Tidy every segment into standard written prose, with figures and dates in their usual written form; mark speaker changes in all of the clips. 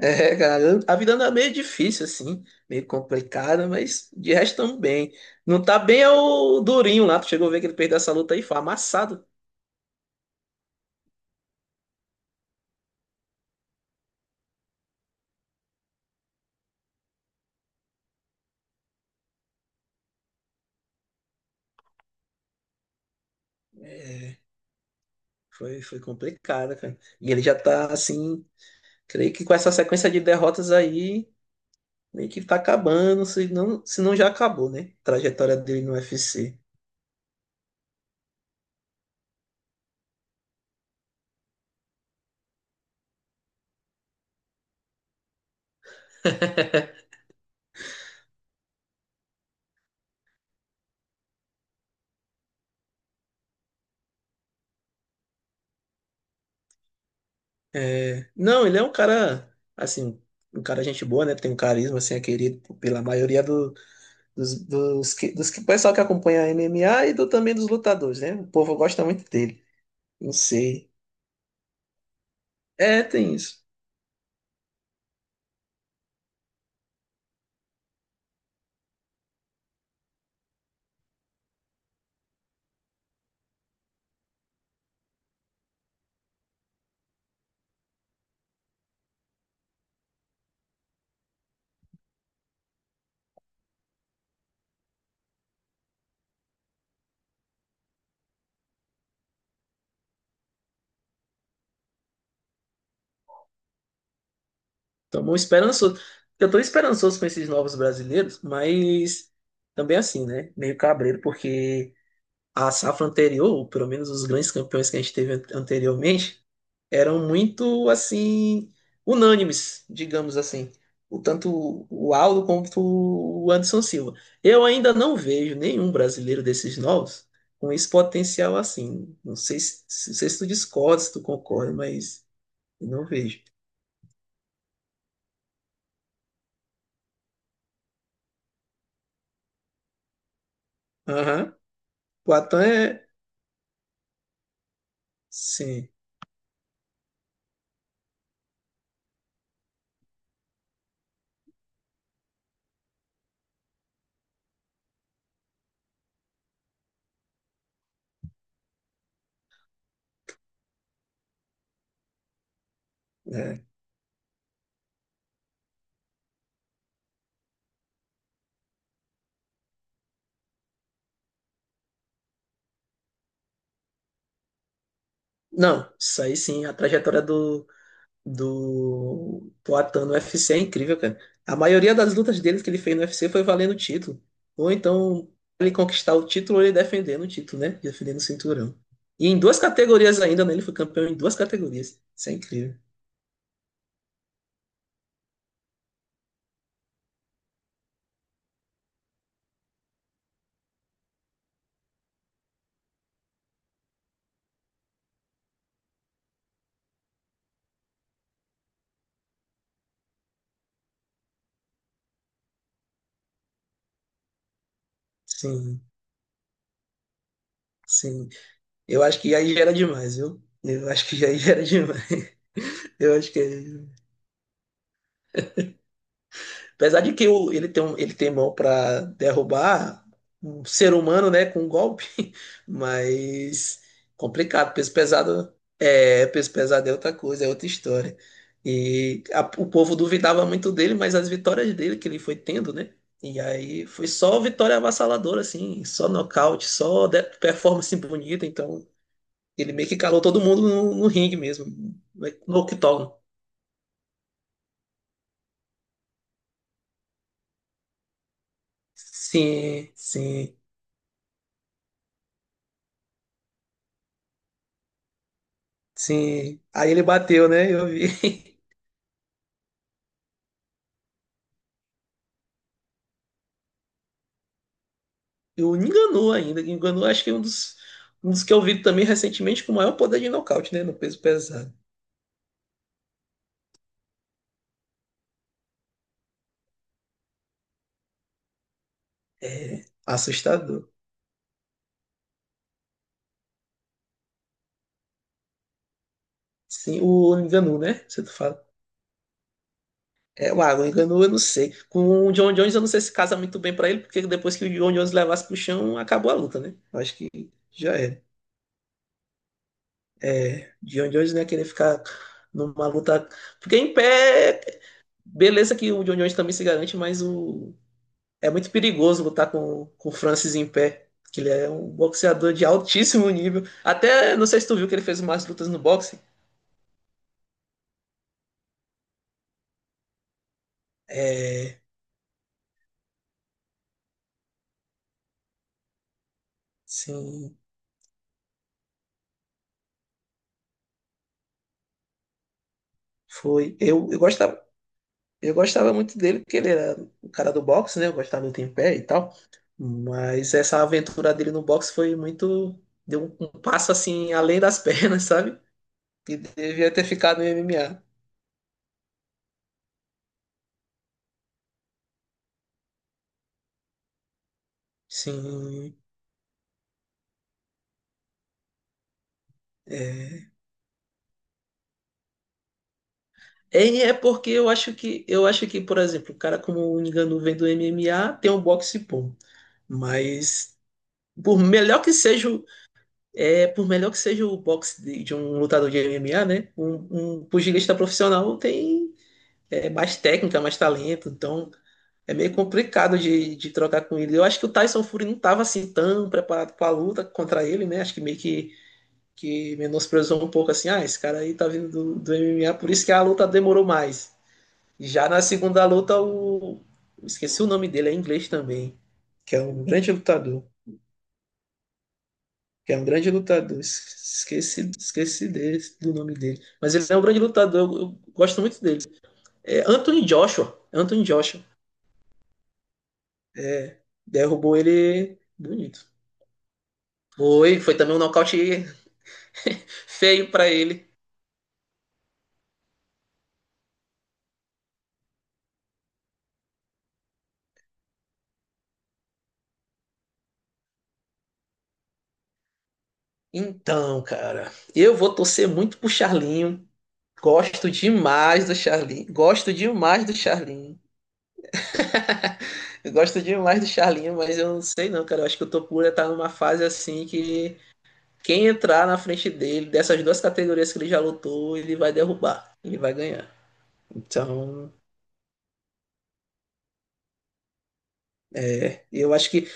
Speaker 1: É, cara, a vida anda meio difícil, assim, meio complicada, mas de resto tamo bem. Não tá bem é o Durinho lá, tu chegou a ver que ele perdeu essa luta aí, foi amassado. É, foi complicado, cara. E ele já tá assim, creio que com essa sequência de derrotas aí, meio que tá acabando, se não já acabou, né? A trajetória dele no UFC. É, não, ele é um cara, assim, um cara gente boa, né? Tem um carisma, assim, é querido pela maioria dos que pessoal que acompanha a MMA e do, também dos lutadores, né? O povo gosta muito dele. Não sei. É, tem isso. Tô bom esperançoso. Eu tô esperançoso com esses novos brasileiros, mas também assim, né? Meio cabreiro, porque a safra anterior, ou pelo menos os grandes campeões que a gente teve anteriormente, eram muito assim unânimes, digamos assim. O tanto o Aldo quanto o Anderson Silva. Eu ainda não vejo nenhum brasileiro desses novos com esse potencial assim. Não sei se, não sei se tu discorda, se tu concorda, mas eu não vejo. Aham. O Atan é. Sim. É. Não, isso aí sim, a trajetória do, do Poatan no UFC é incrível, cara. A maioria das lutas deles que ele fez no UFC foi valendo o título. Ou então, ele conquistar o título ou ele defendendo o título, né? Defendendo o cinturão. E em duas categorias ainda, né? Ele foi campeão em duas categorias. Isso é incrível. Sim, sim. Eu acho que aí já era demais, viu? Eu acho que aí já era demais. Eu acho que aí Apesar de que ele tem, ele tem mão para derrubar um ser humano, né, com um golpe, mas complicado. Peso pesado é outra coisa, é outra história. E o povo duvidava muito dele, mas as vitórias dele que ele foi tendo, né? E aí foi só vitória avassaladora, assim, só nocaute, performance bonita. Então ele meio que calou todo mundo no, no ringue mesmo, no octógono. Sim. Sim. Aí ele bateu, né? Eu vi. E o Ngannou ainda. Ngannou acho que é um dos que eu vi também recentemente com o maior poder de nocaute, né? No peso pesado. É assustador. Sim, o Ngannou, né? Você tá fala. É, o Ngannou eu não sei. Com o John Jones eu não sei se casa muito bem pra ele, porque depois que o John Jones levasse pro chão, acabou a luta, né? Eu acho que já era. É, John Jones não ia querer ficar numa luta. Porque em pé, beleza que o John Jones também se garante, mas o... É muito perigoso lutar com o Francis em pé, que ele é um boxeador de altíssimo nível. Até, não sei se tu viu que ele fez umas lutas no boxe. É, sim, foi. Eu gostava, eu gostava muito dele, porque ele era o cara do boxe, né? Eu gostava de luta em pé e tal. Mas essa aventura dele no boxe foi muito. Deu um, um passo assim, além das pernas, sabe? Que devia ter ficado no MMA. Sim. É. É, é porque eu acho que, por exemplo, o cara como o Ngannou vem do MMA, tem um boxe bom. Mas por melhor que seja, é, por melhor que seja o boxe de um lutador de MMA, né? Um pugilista profissional tem é, mais técnica, mais talento, então é meio complicado de trocar com ele. Eu acho que o Tyson Fury não estava assim tão preparado para a luta contra ele, né? Acho que meio que menosprezou um pouco assim, ah, esse cara aí tá vindo do, do MMA, por isso que a luta demorou mais. Já na segunda luta, o... Esqueci o nome dele, é inglês também. Que é um grande lutador. Que é um grande lutador. Esqueci, esqueci desse, do nome dele. Mas ele é um grande lutador. Eu gosto muito dele. É Anthony Joshua. Anthony Joshua. Derrubou ele bonito. Foi, foi também um nocaute feio pra ele. Então, cara, eu vou torcer muito pro Charlinho. Gosto demais do Charlinho. Gosto demais do Charlinho. Eu gosto demais do Charlinho, mas eu não sei não, cara. Eu acho que o Topura tá numa fase assim que quem entrar na frente dele, dessas duas categorias que ele já lutou, ele vai derrubar, ele vai ganhar. Então, é, eu acho que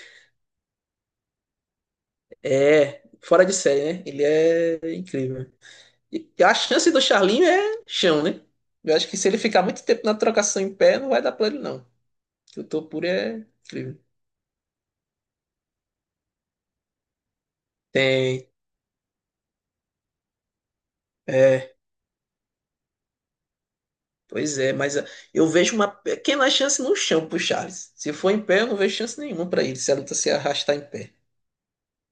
Speaker 1: é fora de série, né? Ele é incrível. E a chance do Charlinho é chão, né? Eu acho que se ele ficar muito tempo na trocação em pé, não vai dar pra ele, não. O Topura é incrível. Tem. É, pois é, mas ah, eu vejo uma pequena chance no chão pro Charles. Se for em pé, eu não vejo chance nenhuma para ele, se a luta se arrastar em pé.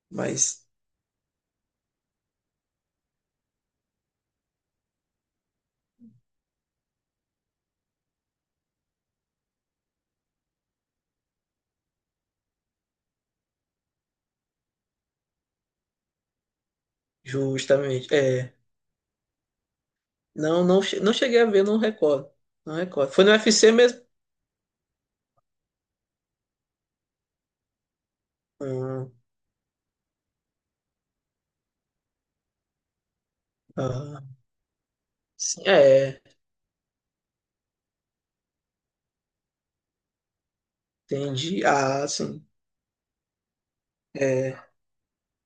Speaker 1: Mas, justamente, é. Não, não, não cheguei a ver, não recordo. Não recordo. Foi no UFC mesmo? Hum, ah, sim, é, entendi. Ah, sim.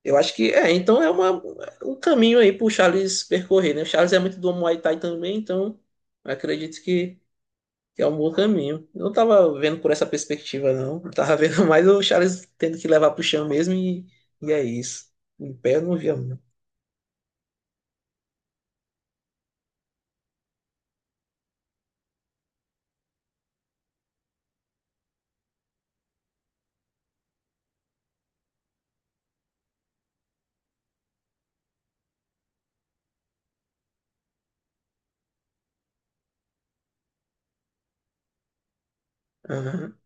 Speaker 1: Eu acho que é, então é uma, um caminho aí pro Charles percorrer, né? O Charles é muito do Muay Thai também, então eu acredito que... que é um bom caminho. Eu não tava vendo por essa perspectiva, não. Eu tava vendo mais o Charles tendo que levar pro chão mesmo e é isso. Em pé eu não via muito. Aham,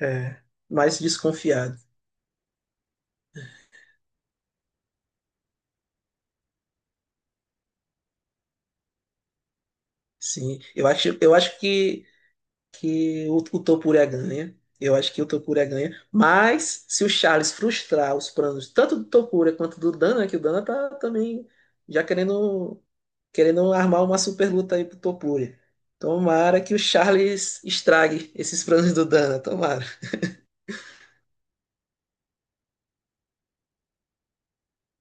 Speaker 1: é. Mais desconfiado. Sim. Eu acho que o Topuria ganha. Eu acho que o Topuria ganha. Mas se o Charles frustrar os planos tanto do Topuria quanto do Dana, que o Dana tá também já querendo querendo armar uma super luta aí pro Topuri. Tomara que o Charles estrague esses planos do Dana, tomara.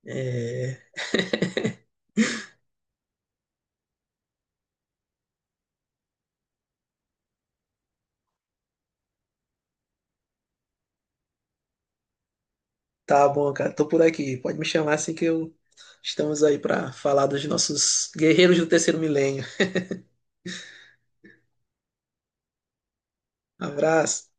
Speaker 1: É, tá bom, cara, tô por aqui. Pode me chamar assim que eu estamos aí pra falar dos nossos guerreiros do terceiro milênio. Abraço.